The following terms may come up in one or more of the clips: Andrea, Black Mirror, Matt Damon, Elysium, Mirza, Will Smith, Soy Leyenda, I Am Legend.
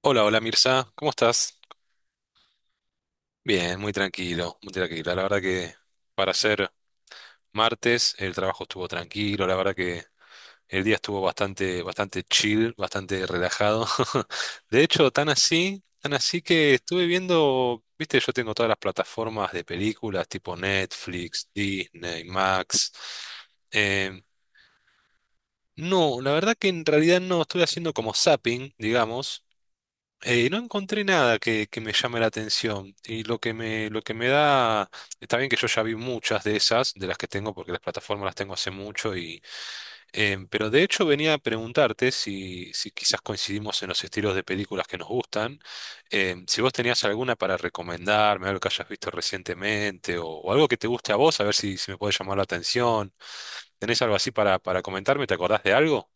Hola, hola Mirza, ¿cómo estás? Bien, muy tranquilo, muy tranquilo. La verdad que para ser martes el trabajo estuvo tranquilo, la verdad que el día estuvo bastante chill, bastante relajado. De hecho, tan así que estuve viendo, viste, yo tengo todas las plataformas de películas tipo Netflix, Disney, Max. Em, no, la verdad que en realidad no estuve haciendo como zapping, digamos. No encontré nada que me llame la atención y lo que lo que me da, está bien que yo ya vi muchas de esas, de las que tengo porque las plataformas las tengo hace mucho y, pero de hecho venía a preguntarte si quizás coincidimos en los estilos de películas que nos gustan, si vos tenías alguna para recomendarme, algo que hayas visto recientemente o algo que te guste a vos, a ver si me puede llamar la atención, ¿tenés algo así para comentarme? ¿Te acordás de algo?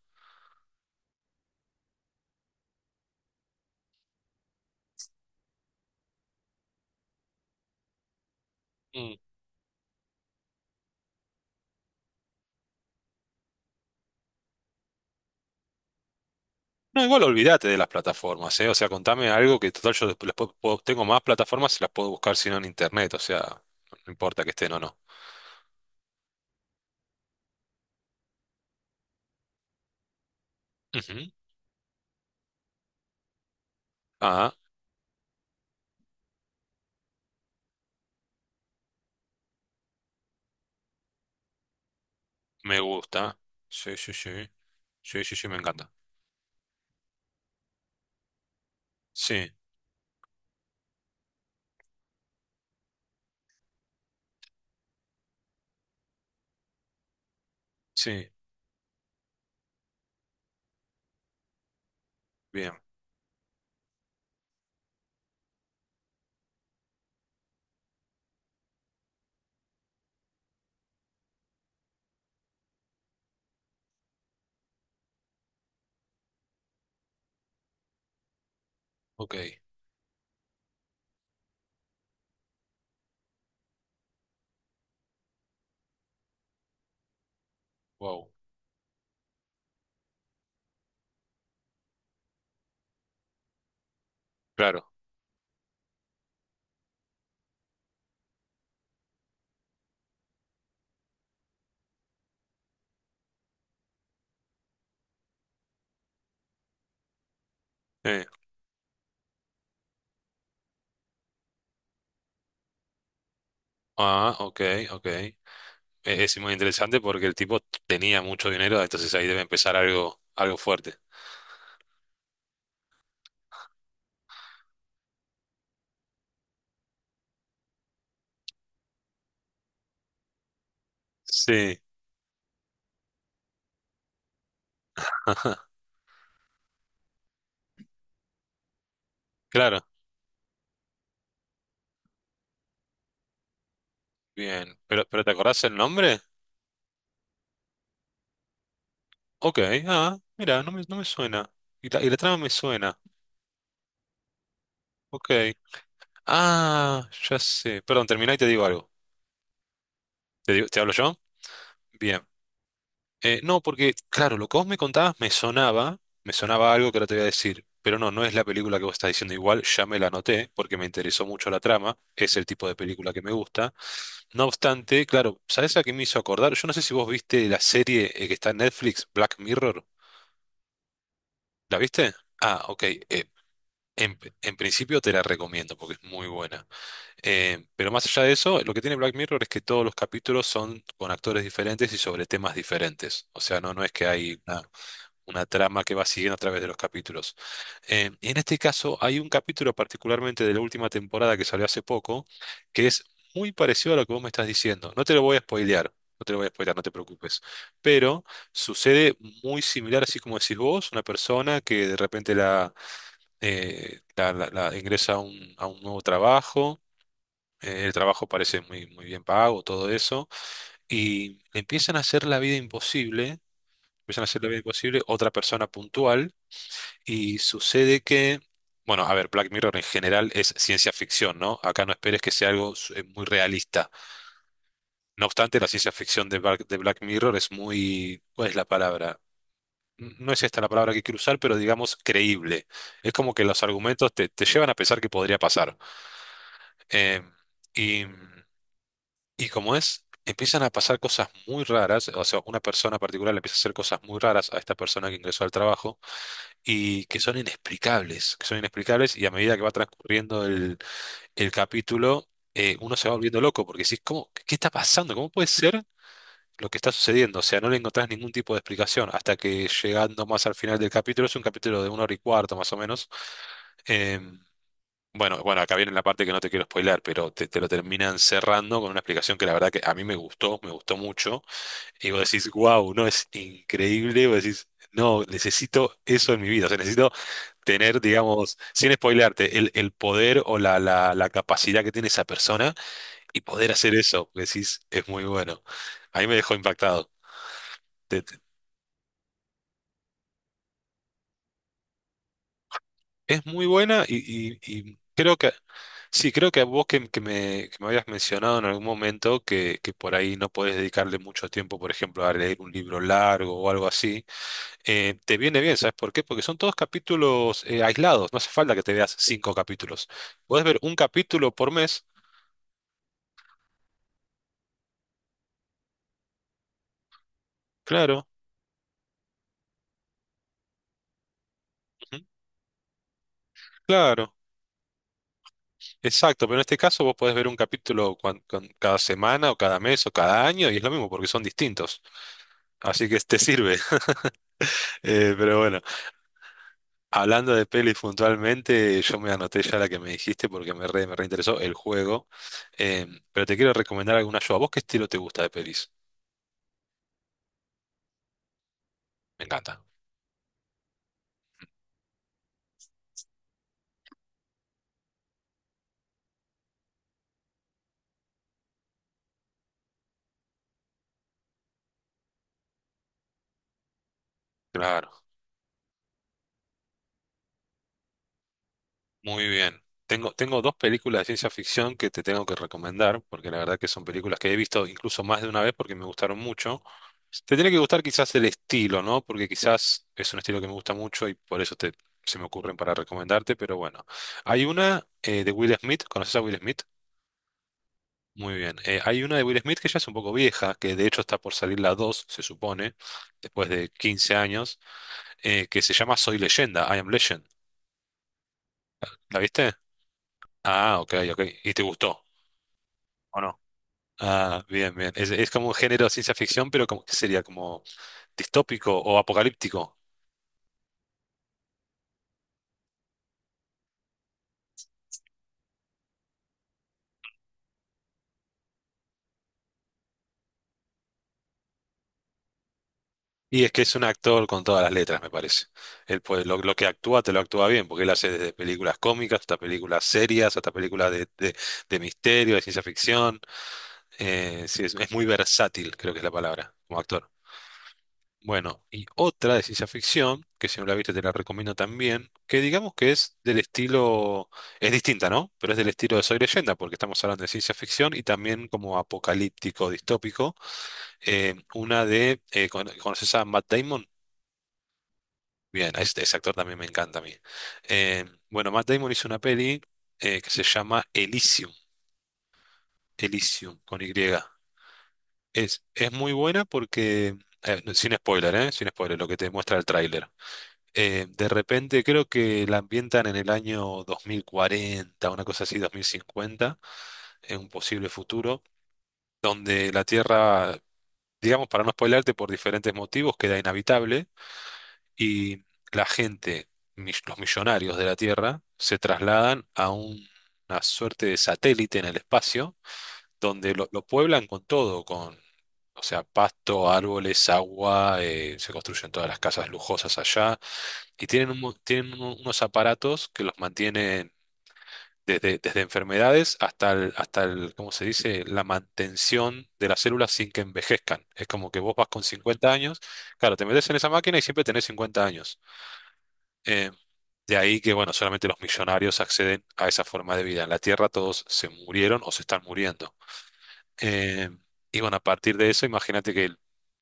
No, igual olvídate de las plataformas, ¿eh? O sea, contame algo que total yo después tengo más plataformas y las puedo buscar si no en internet, o sea, no importa que estén o no. Ujú. Ah, me gusta. Sí, sí, sí. Sí, sí, sí, me encanta. Sí, sí, bien. Ok, wow. Claro. Eh, ah, ok, ok. Es, muy interesante porque el tipo tenía mucho dinero, entonces ahí debe empezar algo, algo fuerte. Sí, ajá, claro. Bien. Pero te acordás el nombre? Ok, ah, mira, no no me suena. Y y la trama me suena. Ok. Ah, ya sé. Perdón, terminá y te digo algo. Te hablo yo? Bien. No, porque, claro, lo que vos me contabas me sonaba algo que ahora te voy a decir. Pero no, no es la película que vos estás diciendo igual, ya me la anoté porque me interesó mucho la trama, es el tipo de película que me gusta. No obstante, claro, ¿sabés a qué me hizo acordar? Yo no sé si vos viste la serie que está en Netflix, Black Mirror. ¿La viste? Ah, ok. En principio te la recomiendo porque es muy buena. Pero más allá de eso, lo que tiene Black Mirror es que todos los capítulos son con actores diferentes y sobre temas diferentes. O sea, no es que hay una trama que va siguiendo a través de los capítulos. Y en este caso, hay un capítulo particularmente de la última temporada que salió hace poco, que es muy parecido a lo que vos me estás diciendo. No te lo voy a spoilear. No te lo voy a spoilear, no te preocupes. Pero sucede muy similar, así como decís vos, una persona que de repente ingresa a un nuevo trabajo, el trabajo parece muy, muy bien pago, todo eso, y le empiezan a hacer la vida imposible, empiezan a hacer la vida imposible otra persona puntual, y sucede que, bueno, a ver, Black Mirror en general es ciencia ficción, ¿no? Acá no esperes que sea algo muy realista. No obstante, la ciencia ficción de de Black Mirror es muy, ¿cuál es la palabra? No es esta la palabra que quiero usar, pero digamos creíble. Es como que los argumentos te llevan a pensar que podría pasar. Eh, y, y como es, empiezan a pasar cosas muy raras, o sea, una persona particular le empieza a hacer cosas muy raras a esta persona que ingresó al trabajo y que son inexplicables y a medida que va transcurriendo el capítulo, uno se va volviendo loco porque decís, ¿cómo, qué está pasando? ¿Cómo puede ser? Lo que está sucediendo, o sea, no le encontrás ningún tipo de explicación hasta que llegando más al final del capítulo, es un capítulo de una hora y cuarto más o menos, em, bueno, acá viene la parte que no te quiero spoiler, te lo terminan cerrando con una explicación que la verdad que a mí me gustó mucho. Y vos decís, wow, no, es increíble. Vos decís, no, necesito eso en mi vida. O sea, necesito tener, digamos, sin spoilearte, el poder o la capacidad que tiene esa persona y poder hacer eso. Vos decís, es muy bueno. A mí me dejó impactado. Es muy buena y, y creo que, sí, creo que a vos que que me habías mencionado en algún momento que por ahí no podés dedicarle mucho tiempo, por ejemplo, a leer un libro largo o algo así, te viene bien, ¿sabes por qué? Porque son todos capítulos aislados, no hace falta que te veas cinco capítulos. Podés ver un capítulo por mes, claro, ujú, claro, exacto, pero en este caso vos podés ver un capítulo cada semana o cada mes o cada año y es lo mismo porque son distintos, así que te sirve. Pero bueno. Hablando de pelis puntualmente, yo me anoté ya la que me dijiste porque me reinteresó el juego. Eh, pero te quiero recomendar alguna yo. ¿A vos qué estilo te gusta de pelis? Me encanta. Claro, muy bien. Tengo dos películas de ciencia ficción que te tengo que recomendar, porque la verdad que son películas que he visto incluso más de una vez porque me gustaron mucho. Te tiene que gustar quizás el estilo, ¿no? Porque quizás es un estilo que me gusta mucho y por eso se me ocurren para recomendarte, pero bueno. Hay una de Will Smith, ¿conoces a Will Smith? Muy bien. Hay una de Will Smith que ya es un poco vieja, que de hecho está por salir la 2, se supone, después de 15 años, que se llama Soy Leyenda, I Am Legend. ¿La viste? Ah, ok, ok. ¿Y te gustó? ¿O no? Ah, bien, bien. Es como un género de ciencia ficción, pero como, ¿qué sería? ¿Como distópico o apocalíptico? Y es que es un actor con todas las letras, me parece. Él puede, lo que actúa, te lo actúa bien, porque él hace desde películas cómicas hasta películas serias, hasta películas de misterio, de ciencia ficción. Sí, es muy versátil, creo que es la palabra, como actor. Bueno, y otra de ciencia ficción, que si no la viste te la recomiendo también, que digamos que es del estilo, es distinta, ¿no? Pero es del estilo de Soy Leyenda, porque estamos hablando de ciencia ficción y también como apocalíptico, distópico. Una de, ¿conoces a Matt Damon? Bien, ese actor también me encanta a mí. Eh, bueno, Matt Damon hizo una peli que se llama Elysium, Elysium con Y. Es muy buena porque, no, sin spoiler, ¿eh? Sin spoiler, lo que te muestra el tráiler. De repente creo que la ambientan en el año 2040, una cosa así, 2050, en un posible futuro, donde la Tierra, digamos, para no spoilarte por diferentes motivos, queda inhabitable y la gente, los millonarios de la Tierra, se trasladan a una suerte de satélite en el espacio, donde lo pueblan con todo, o sea, pasto, árboles, agua, se construyen todas las casas lujosas allá y tienen, tienen unos aparatos que los mantienen desde enfermedades ¿cómo se dice? La mantención de las células sin que envejezcan. Es como que vos vas con 50 años, claro, te metes en esa máquina y siempre tenés 50 años. Eh, de ahí que, bueno, solamente los millonarios acceden a esa forma de vida. En la Tierra todos se murieron o se están muriendo. Eh, y bueno, a partir de eso, imagínate que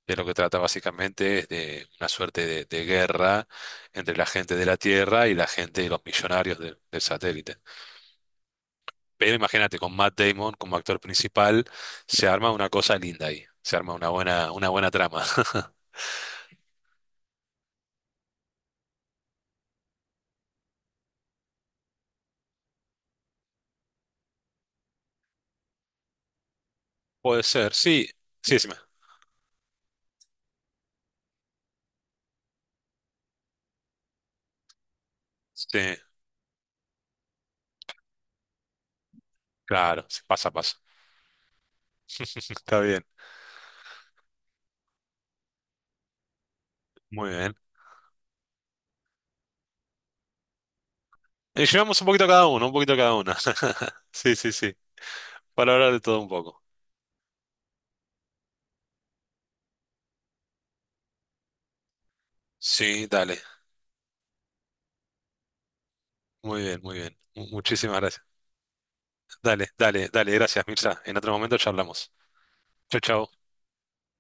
de lo que trata básicamente es de una suerte de guerra entre la gente de la Tierra y la gente de los millonarios del satélite. Pero imagínate, con Matt Damon como actor principal, se arma una cosa linda ahí, se arma una buena trama. Puede ser, sí, sí, sí, sí, claro, sí, pasa, pasa. Está bien, muy bien. Y llevamos un poquito cada uno, un poquito cada una. Sí, sí, sí, para hablar de todo un poco. Sí, dale. Muy bien, muy bien. Muchísimas gracias. Dale, dale, dale, gracias, Mirza. En otro momento charlamos. Chau, chau.